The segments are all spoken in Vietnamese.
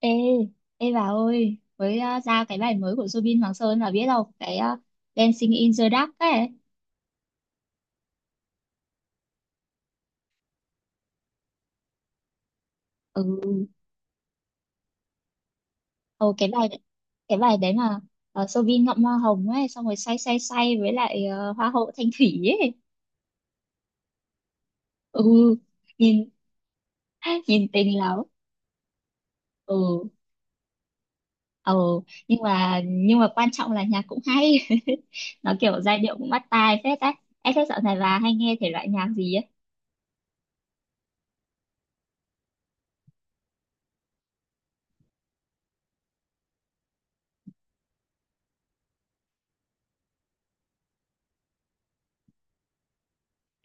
Ê, ê bà ơi, mới ra cái bài mới của Zubin Hoàng Sơn là biết đâu, Dancing in the Dark ấy. Ừ, Ồ, cái bài đấy mà Soobin ngậm hoa hồng ấy, xong rồi say say say với lại hoa hậu Thanh Thủy ấy. Ừ, nhìn nhìn tình lắm. Ừ, ừ, nhưng mà quan trọng là nhạc cũng hay. Nó kiểu giai điệu cũng bắt tai phết ấy. Em thế dạo này bà hay nghe thể loại nhạc gì ấy?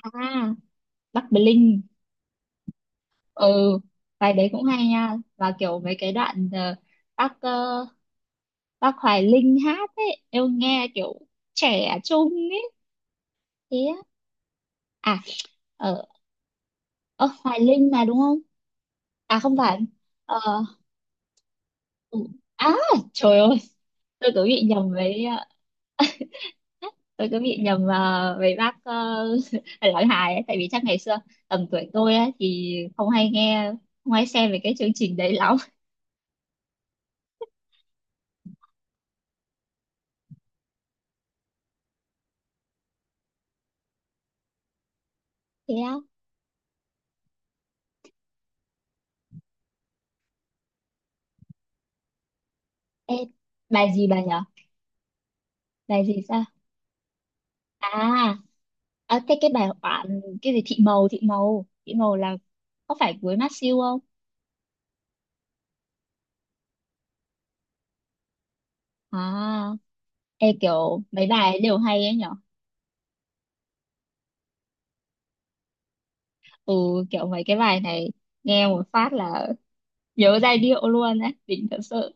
À, Bắc Bling ừ bài đấy cũng hay nha và kiểu mấy cái đoạn bác ờ, bác Hoài Linh hát ấy em nghe kiểu trẻ trung ấy thế á. À ở ờ, Hoài Linh mà đúng không, à không phải. Ờ ừ. À trời ơi tôi cứ bị nhầm với tôi cứ bị nhầm với bác Lão Hài ấy tại vì chắc ngày xưa tầm tuổi tôi ấy, thì không hay nghe không hay xem về cái chương trình đấy lắm. Thế á ê bài gì bà nhở, bài gì sao, à à thế cái bài bạn cái gì thị màu là có phải với mát siêu không. À ê kiểu mấy bài ấy đều hay ấy nhở, ừ kiểu mấy cái bài này nghe một phát là nhớ giai điệu luôn ấy, đỉnh thật sự.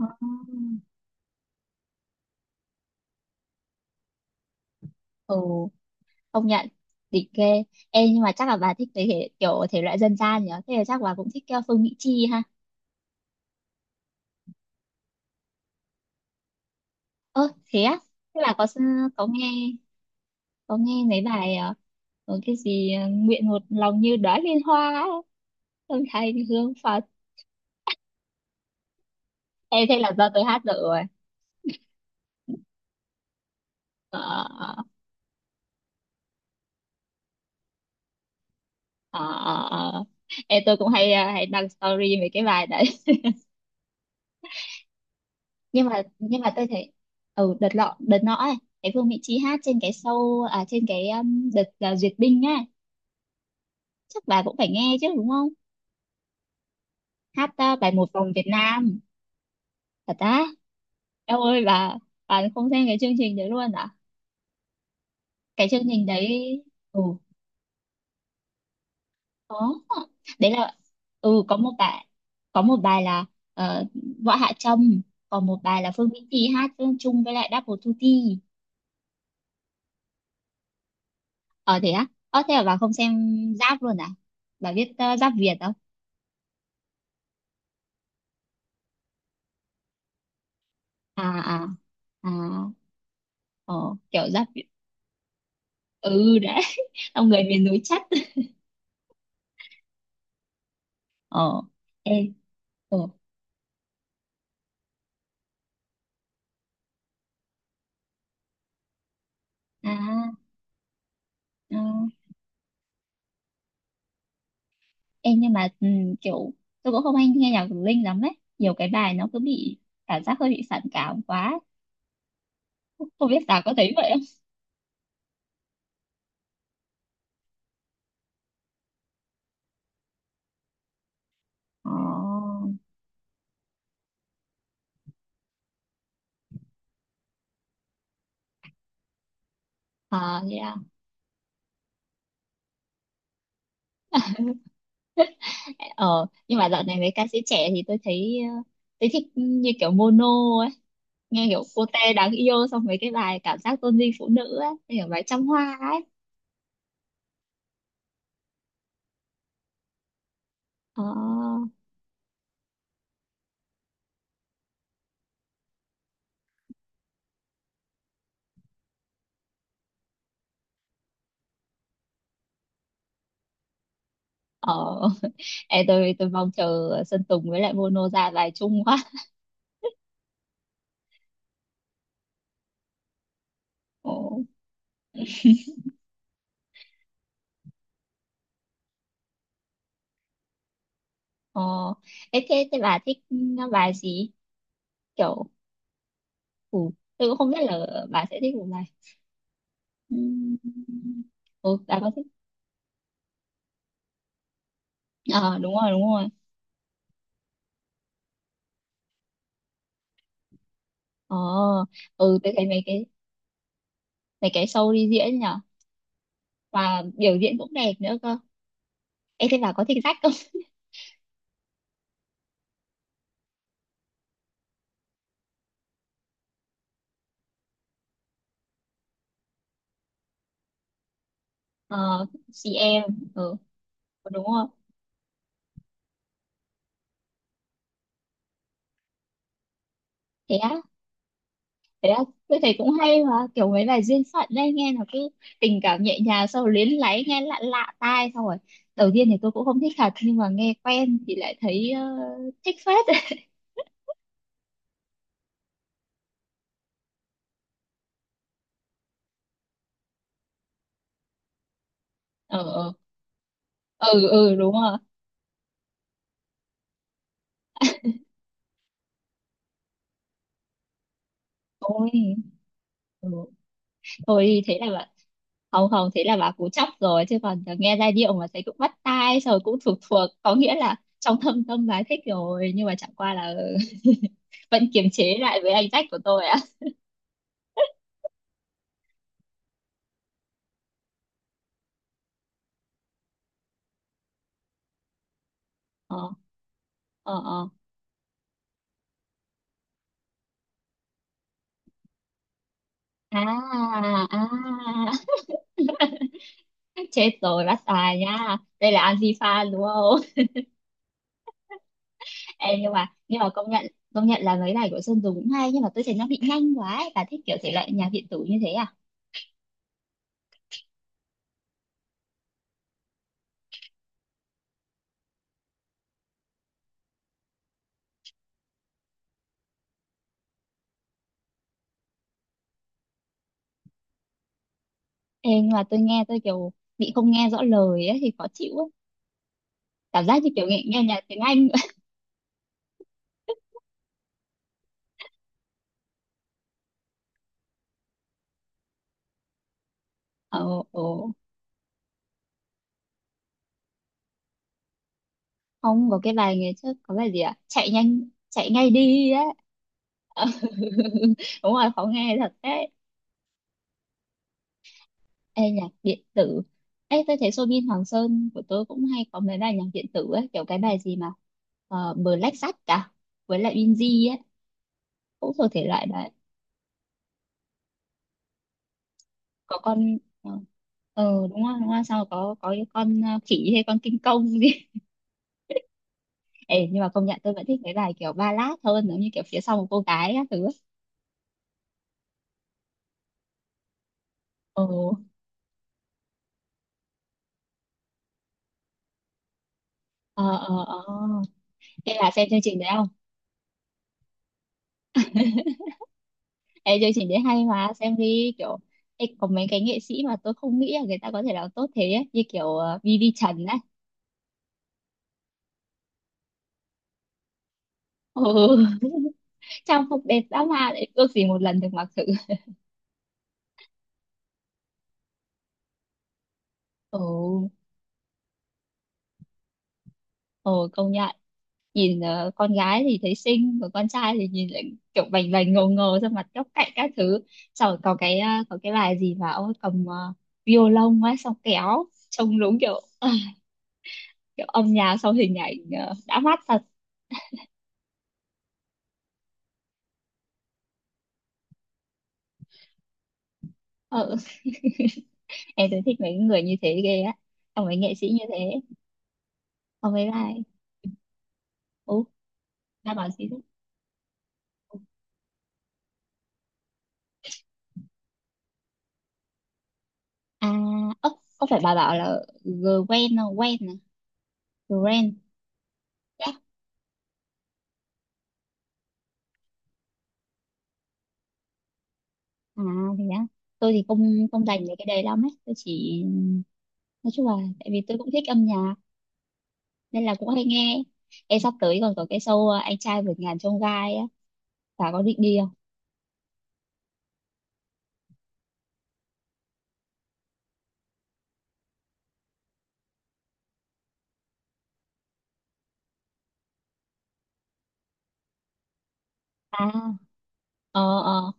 À. Ừ công nhận đỉnh ghê. Ê nhưng mà chắc là bà thích mấy thể kiểu thể loại dân gian nhở, thế là chắc bà cũng thích Phương Mỹ Chi ha. Ơ thế á thế là có nghe, có nghe mấy bài có cái gì nguyện một lòng như đóa liên hoa ấy. Âm thanh hương Phật em thế là do tôi hát được rồi. Ờ, ờ, ờ, ờ. Em tôi cũng hay hay đăng story mấy cái bài đấy. Nhưng mà tôi thấy ừ đợt lọ đợt nọ ấy cái Phương Mỹ Chi hát trên cái show, à trên cái đợt duyệt binh á, chắc bà cũng phải nghe chứ đúng không, hát bài một vòng Việt Nam. Thật á em ơi bà không xem cái chương trình đấy luôn à? Cái chương trình đấy ừ có, đấy là ừ có một bài, có một bài là ờ, Võ Hạ Trâm, còn một bài là Phương Mỹ Chi hát chung chung với lại Double Tutti. Ờ thế á ờ thế là bà không xem Giáp luôn à, bà biết Giáp Việt không? À à à ờ kiểu Giáp Việt ừ đấy ông người miền núi chất. Ờ ê ờ à, à ê nhưng mà ừ, kiểu tôi cũng không hay nghe nhạc của Linh lắm đấy, nhiều cái bài nó cứ bị cảm giác hơi bị phản cảm quá, không biết bà có thấy vậy. Ờ, à, thế à. Ờ, nhưng mà dạo này mấy ca sĩ trẻ thì tôi thấy tôi thích như kiểu Mono ấy, nghe kiểu cô Tê đáng yêu, xong mấy cái bài cảm giác tôn vinh phụ nữ ấy, như kiểu bài trăm hoa ấy. Ờ, ờ. Ê, tôi mong chờ Sơn Tùng với lại Mono ra bài chung quá. Ờ, ờ. Ê, thế thế bà thích bài gì? Kiểu ừ, tôi cũng không biết là bà sẽ thích một bài. Ừm. Ừ, bà có thích. Ờ, đúng rồi, đúng rồi. Ờ ừ tôi thấy mấy cái show đi diễn nhở và biểu diễn cũng đẹp nữa cơ. Em thấy bà có thích sách không? Ờ chị em ừ đúng rồi. Thế á thế á tôi thấy cũng hay mà kiểu mấy bài duyên phận đấy nghe nó cứ tình cảm nhẹ nhàng, xong rồi luyến láy nghe lạ lạ tai, xong rồi đầu tiên thì tôi cũng không thích thật, nhưng mà nghe quen thì lại thấy thích phết. ờ ờ ừ ừ đúng rồi ôi ừ. Ôi thế là bạn không không thế là bà cú chóc rồi, chứ còn nghe giai điệu mà thấy cũng bắt tai rồi cũng thuộc thuộc có nghĩa là trong thâm tâm bà ấy thích rồi, nhưng mà chẳng qua là vẫn kiềm chế lại với anh Jack của tôi ạ. Ờ ờ ờ à à chết rồi bắt tài nha, đây là Anji fan đúng không? em nhưng mà công nhận, công nhận là mấy bài của Sơn Tùng cũng hay, nhưng mà tôi thấy nó bị nhanh quá ấy. Bà thích kiểu thể loại nhạc điện tử như thế à? Ê, nhưng mà tôi nghe tôi kiểu bị không nghe rõ lời ấy, thì khó chịu ấy. Cảm giác như kiểu nghe, nghe nhạc tiếng Anh. ồ ồ ông có cái bài ngày trước có bài gì ạ chạy nhanh chạy ngay đi á. đúng rồi khó nghe thật đấy. Ê, nhạc điện tử. Ê, tôi thấy Soobin Hoàng Sơn của tôi cũng hay có mấy bài nhạc điện tử ấy, kiểu cái bài gì mà Black Shark cả với lại Binz ấy, cũng thuộc thể loại đấy. Có con ờ ờ, đúng rồi sao có cái con khỉ hay con kinh công gì. Ê, nhưng mà công nhận tôi vẫn thích mấy bài kiểu ballad hơn, giống như kiểu phía sau một cô gái các thứ. Ồ, ờ ờ ờ thế là xem chương trình đấy không. Ê, chương trình đấy hay mà xem đi kiểu. Ê, có mấy cái nghệ sĩ mà tôi không nghĩ là người ta có thể làm tốt thế ấy, như kiểu BB Trần ấy. Ừ. trang phục đẹp dã man ấy, ước gì một lần được mặc thử. Ồ, ồ, công nhận nhìn con gái thì thấy xinh, còn con trai thì nhìn lại kiểu bành bành ngầu ngầu ra mặt góc cạnh các thứ, xong rồi có cái có cái bài gì mà ông ấy cầm violon ấy xong kéo trông đúng kiểu kiểu âm nhạc sau hình ảnh đã mát thật. Ờ, em thấy thích mấy người như thế ghê á, xong mấy nghệ sĩ như thế, xong mấy bài ú ba bảo gì đấy. À ớ có phải bà bảo là Gwen không, Gwen à, Gwen yeah. À thì đó tôi thì không không dành về cái đấy lắm ấy, tôi chỉ nói chung là tại vì tôi cũng thích âm nhạc nên là cũng hay nghe. Em sắp tới còn có cái show anh trai vượt ngàn chông gai á, bà có định đi không? À ờ ờ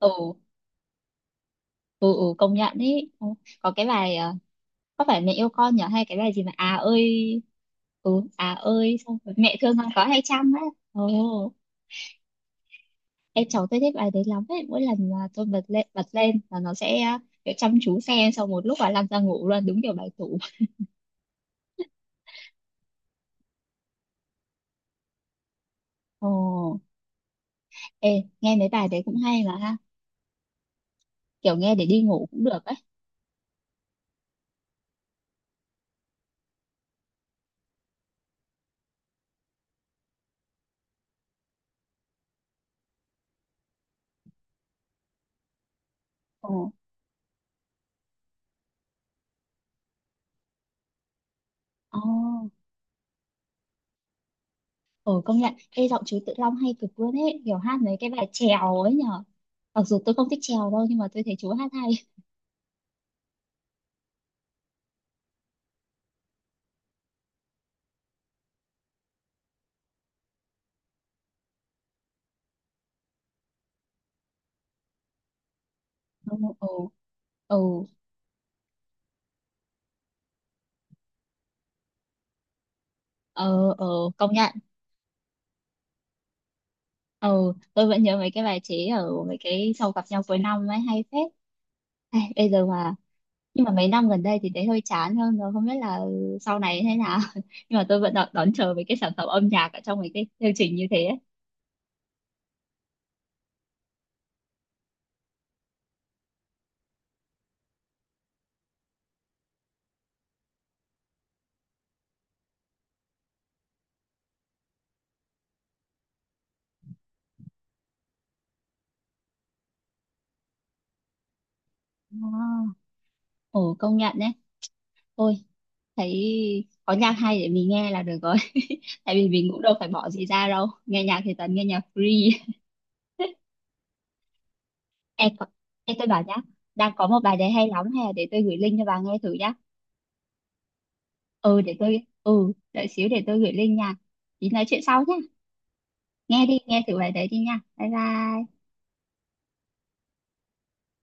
ừ ừ, ừ công nhận ý. Ờ, có cái bài có phải mẹ yêu con nhỉ, hay cái bài gì mà à ơi ừ à ơi, xong rồi mẹ thương con có hay chăm ấy. Ồ em cháu tôi thích bài đấy lắm ấy, mỗi lần mà tôi bật lên là nó sẽ à, kiểu chăm chú xem, xong một lúc là lăn ra ngủ luôn, đúng kiểu bài tủ. Ồ ê nghe mấy bài đấy cũng hay mà ha, kiểu nghe để đi ngủ cũng được ấy. Ồ ồ ồ công nhận ê giọng chú Tự Long hay cực luôn ấy, kiểu hát mấy cái bài chèo ấy nhở, mặc dù tôi không thích chèo đâu nhưng mà tôi thấy chú hát hay. Ồ ồ ồ ờ ờ công nhận ờ tôi vẫn nhớ mấy cái bài chế ở mấy cái sau gặp nhau cuối năm ấy hay phết. Ai, bây giờ mà nhưng mà mấy năm gần đây thì thấy hơi chán hơn rồi, không biết là sau này thế nào. nhưng mà tôi vẫn đón, đón chờ mấy cái sản phẩm âm nhạc ở trong mấy cái chương trình như thế ấy. Ờ, Ồ công nhận đấy. Ôi thấy có nhạc hay để mình nghe là được rồi. tại vì mình cũng đâu phải bỏ gì ra đâu, nghe nhạc thì toàn nghe nhạc free. em em tôi bảo nhá, đang có một bài đấy hay lắm hè, để tôi gửi link cho bà nghe thử nhá. Ừ để tôi ừ đợi xíu để tôi gửi link nha, tí nói chuyện sau nhá, nghe đi nghe thử bài đấy đi nha, bye bye.